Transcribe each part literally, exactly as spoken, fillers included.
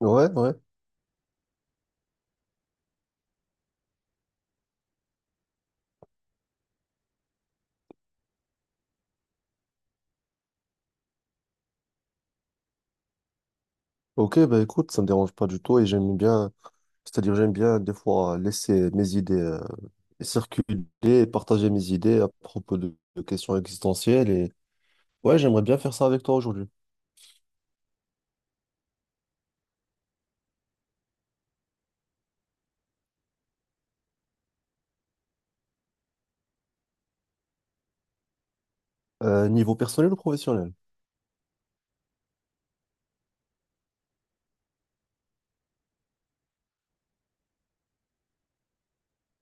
Ouais, ouais. Ok, bah écoute, ça me dérange pas du tout et j'aime bien, c'est-à-dire j'aime bien des fois laisser mes idées euh, circuler et partager mes idées à propos de, de questions existentielles et ouais, j'aimerais bien faire ça avec toi aujourd'hui. Euh, niveau personnel ou professionnel?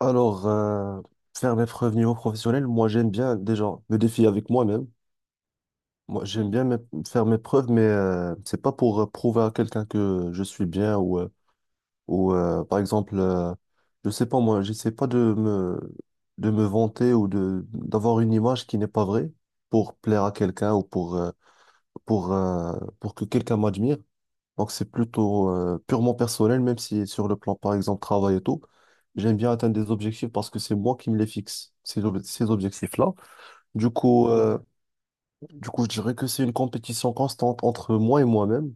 Alors, euh, faire mes preuves niveau professionnel, moi j'aime bien déjà me défier avec moi-même. Moi, j'aime bien me- faire mes preuves, mais euh, c'est pas pour euh, prouver à quelqu'un que je suis bien ou euh, Ou euh, par exemple, euh, je sais pas moi, j'essaie pas de me de me vanter ou de d'avoir une image qui n'est pas vraie pour plaire à quelqu'un ou pour euh, pour euh, pour que quelqu'un m'admire. Donc c'est plutôt euh, purement personnel, même si sur le plan par exemple travail et tout, j'aime bien atteindre des objectifs parce que c'est moi qui me les fixe ces ob- ces objectifs-là. Du coup, euh, du coup, je dirais que c'est une compétition constante entre moi et moi-même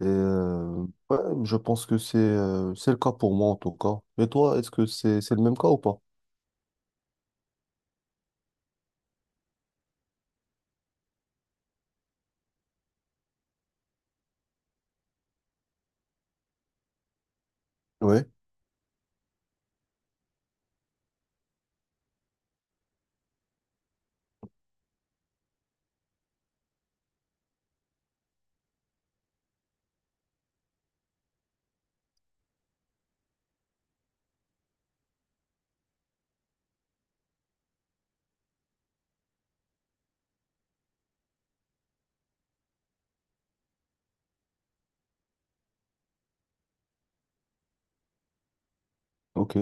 et euh, ouais, je pense que c'est euh, c'est le cas pour moi en tout cas. Et toi, est-ce que c'est c'est le même cas ou pas? Ouais, ok.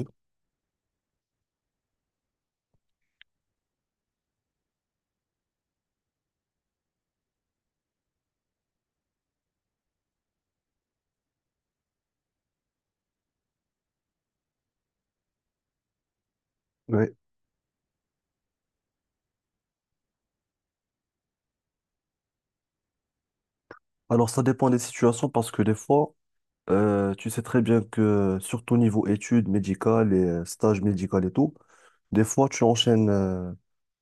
Ouais. Alors ça dépend des situations parce que des fois, euh, tu sais très bien que surtout niveau études médicales et euh, stages médicaux et tout, des fois tu enchaînes euh,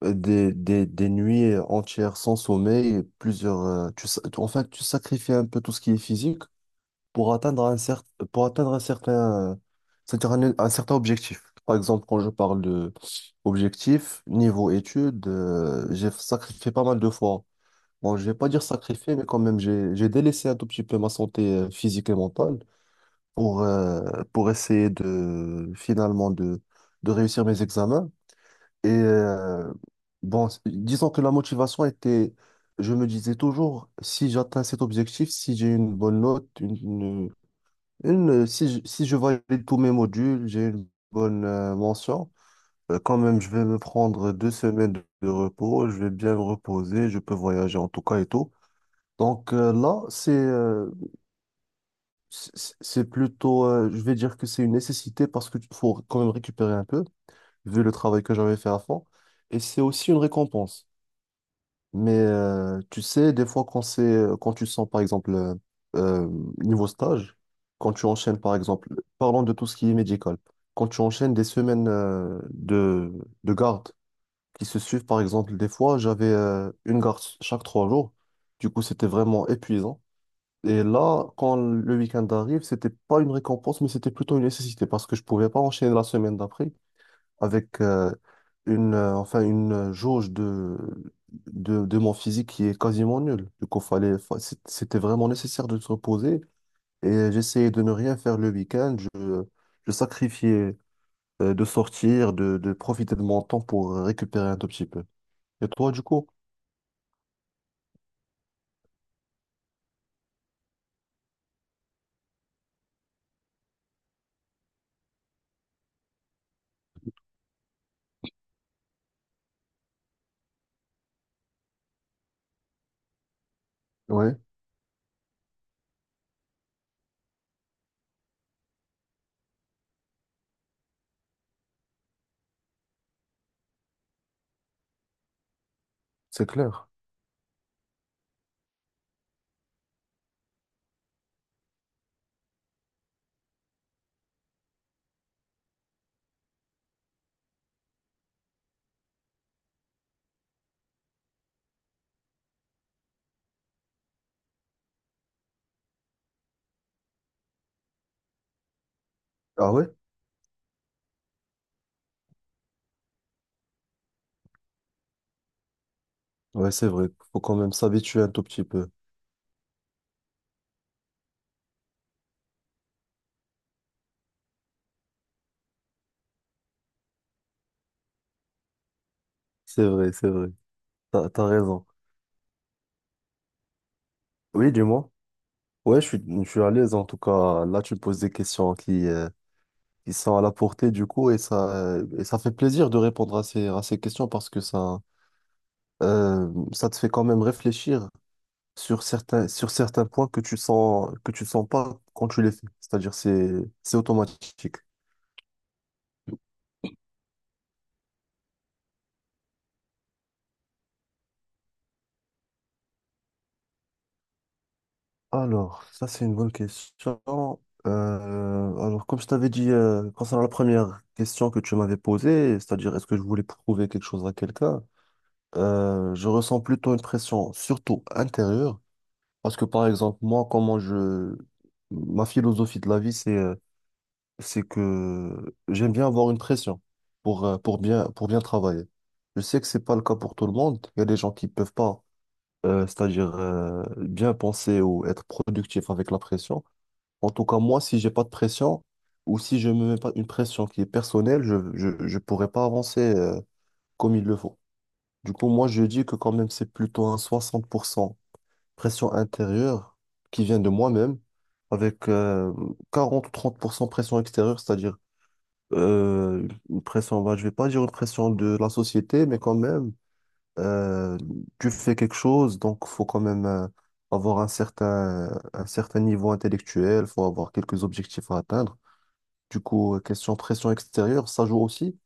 des, des, des nuits entières sans sommeil, et plusieurs, euh, tu, sa- en fait tu sacrifies un peu tout ce qui est physique pour atteindre un certain pour atteindre un certain, c'est-à-dire un, un certain objectif. Par exemple, quand je parle de objectif, niveau études, euh, j'ai sacrifié pas mal de fois. Bon, je vais pas dire sacrifié, mais quand même, j'ai, j'ai délaissé un tout petit peu ma santé euh, physique et mentale pour, euh, pour essayer de, finalement, de, de réussir mes examens. Et euh, bon, c- disons que la motivation était, je me disais toujours, si j'atteins cet objectif, si j'ai une bonne note, une une, euh, si je, si je valide tous mes modules, j'ai une bonne euh, mention. Euh, Quand même, je vais me prendre deux semaines de de repos. Je vais bien me reposer. Je peux voyager en tout cas et tout. Donc euh, là, c'est euh, c'est c'est plutôt, euh, je vais dire que c'est une nécessité parce qu'il faut quand même récupérer un peu, vu le travail que j'avais fait à fond. Et c'est aussi une récompense. Mais euh, tu sais, des fois, quand c'est, euh, quand tu sens, par exemple, euh, euh, niveau stage, quand tu enchaînes, par exemple, parlons de tout ce qui est médical, quand tu enchaînes des semaines euh, de, de garde qui se suivent, par exemple, des fois, j'avais euh, une garde chaque trois jours. Du coup, c'était vraiment épuisant. Et là, quand le week-end arrive, c'était pas une récompense, mais c'était plutôt une nécessité parce que je pouvais pas enchaîner la semaine d'après avec euh, une, euh, enfin, une euh, jauge de, de, de mon physique qui est quasiment nulle. Du coup, fallait, fa- c'est- c'était vraiment nécessaire de se reposer et j'essayais de ne rien faire le week-end. Je, je sacrifiais euh, de sortir, de, de profiter de mon temps pour récupérer un tout petit peu. Et toi, du coup? Ouais, c'est clair. Ah ouais? Ouais, c'est vrai. Faut quand même s'habituer un tout petit peu. C'est vrai, c'est vrai. T'as, t'as raison. Oui, dis-moi. Ouais, je suis, je suis à l'aise en tout cas. Là, tu me poses des questions qui, euh, qui sont à la portée du coup et ça, euh, et ça fait plaisir de répondre à ces, à ces questions parce que ça, euh, ça te fait quand même réfléchir sur certains, sur certains points que tu sens, que tu sens pas quand tu les fais. C'est-à-dire, c'est, c'est automatique. Alors, ça c'est une bonne question. Euh, alors, comme je t'avais dit euh, concernant la première question que tu m'avais posée, c'est-à-dire est-ce que je voulais prouver quelque chose à quelqu'un, euh, je ressens plutôt une pression, surtout intérieure, parce que par exemple, moi, comment je... Ma philosophie de la vie, c'est euh, c'est que j'aime bien avoir une pression pour, euh, pour bien, pour bien travailler. Je sais que c'est pas le cas pour tout le monde. Il y a des gens qui peuvent pas, euh, c'est-à-dire euh, bien penser ou être productif avec la pression. En tout cas, moi, si j'ai pas de pression ou si je me mets pas une pression qui est personnelle, je je, je pourrais pas avancer euh, comme il le faut. Du coup, moi, je dis que quand même, c'est plutôt un soixante pour cent pression intérieure qui vient de moi-même avec euh, quarante ou trente pour cent pression extérieure, c'est-à-dire euh, une pression, bah, je vais pas dire une pression de la société, mais quand même, euh, tu fais quelque chose, donc faut quand même euh, avoir un certain, un certain niveau intellectuel, faut avoir quelques objectifs à atteindre. Du coup, euh, question pression extérieure, ça joue aussi,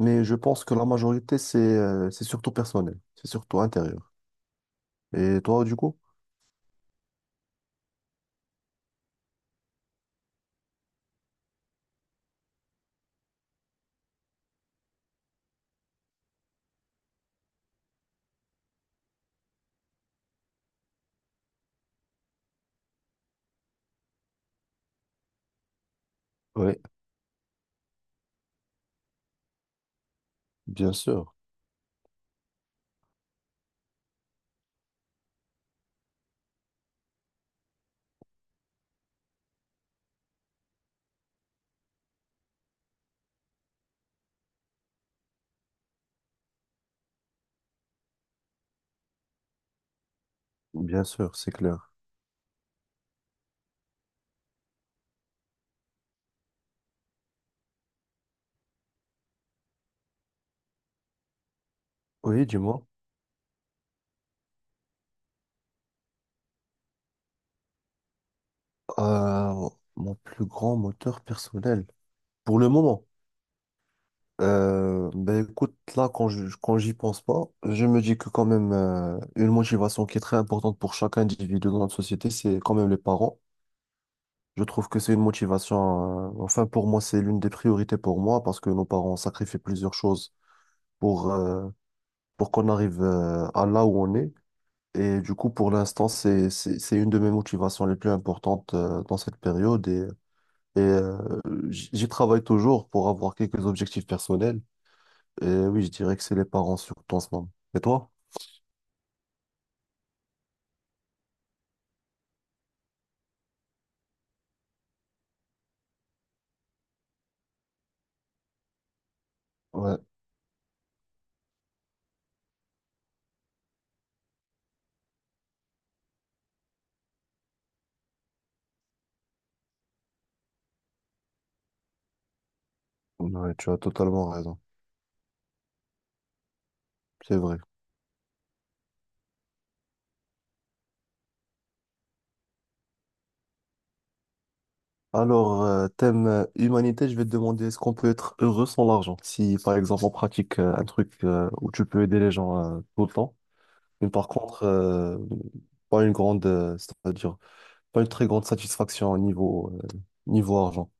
mais je pense que la majorité, c'est euh, c'est surtout personnel, c'est surtout intérieur. Et toi, du coup? Oui, bien sûr, bien sûr, c'est clair. Oui, dis-moi. Euh, Mon plus grand moteur personnel, pour le moment, euh, ben écoute, là, quand je, quand j'y pense pas, je me dis que quand même, euh, une motivation qui est très importante pour chaque individu dans notre société, c'est quand même les parents. Je trouve que c'est une motivation. euh, enfin, pour moi, c'est l'une des priorités pour moi parce que nos parents ont sacrifié plusieurs choses pour, euh, pour qu'on arrive euh, à là où on est. Et du coup, pour l'instant, c'est, c'est, c'est une de mes motivations les plus importantes euh, dans cette période. Et, et euh, j- j'y travaille toujours pour avoir quelques objectifs personnels. Et oui, je dirais que c'est les parents surtout en ce moment. Et toi? Ouais, ouais, tu as totalement raison. C'est vrai. Alors, euh, thème euh, humanité, je vais te demander est-ce qu'on peut être heureux sans l'argent? Si par exemple on pratique euh, un truc euh, où tu peux aider les gens euh, tout le temps, mais par contre euh, pas une grande, euh, c'est-à-dire pas une très grande satisfaction au niveau euh, niveau argent.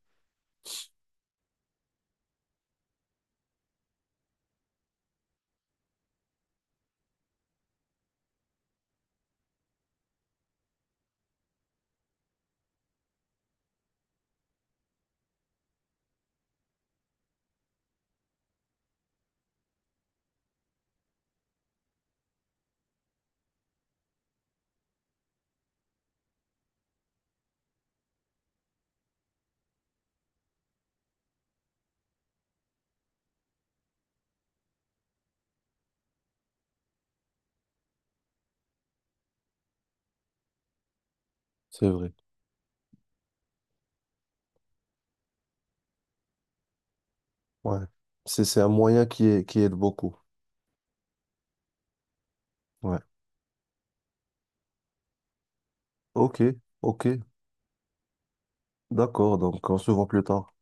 C'est vrai. Ouais. C'est c'est un moyen qui est, qui aide beaucoup. Ouais. Ok, ok, d'accord. Donc on se voit plus tard.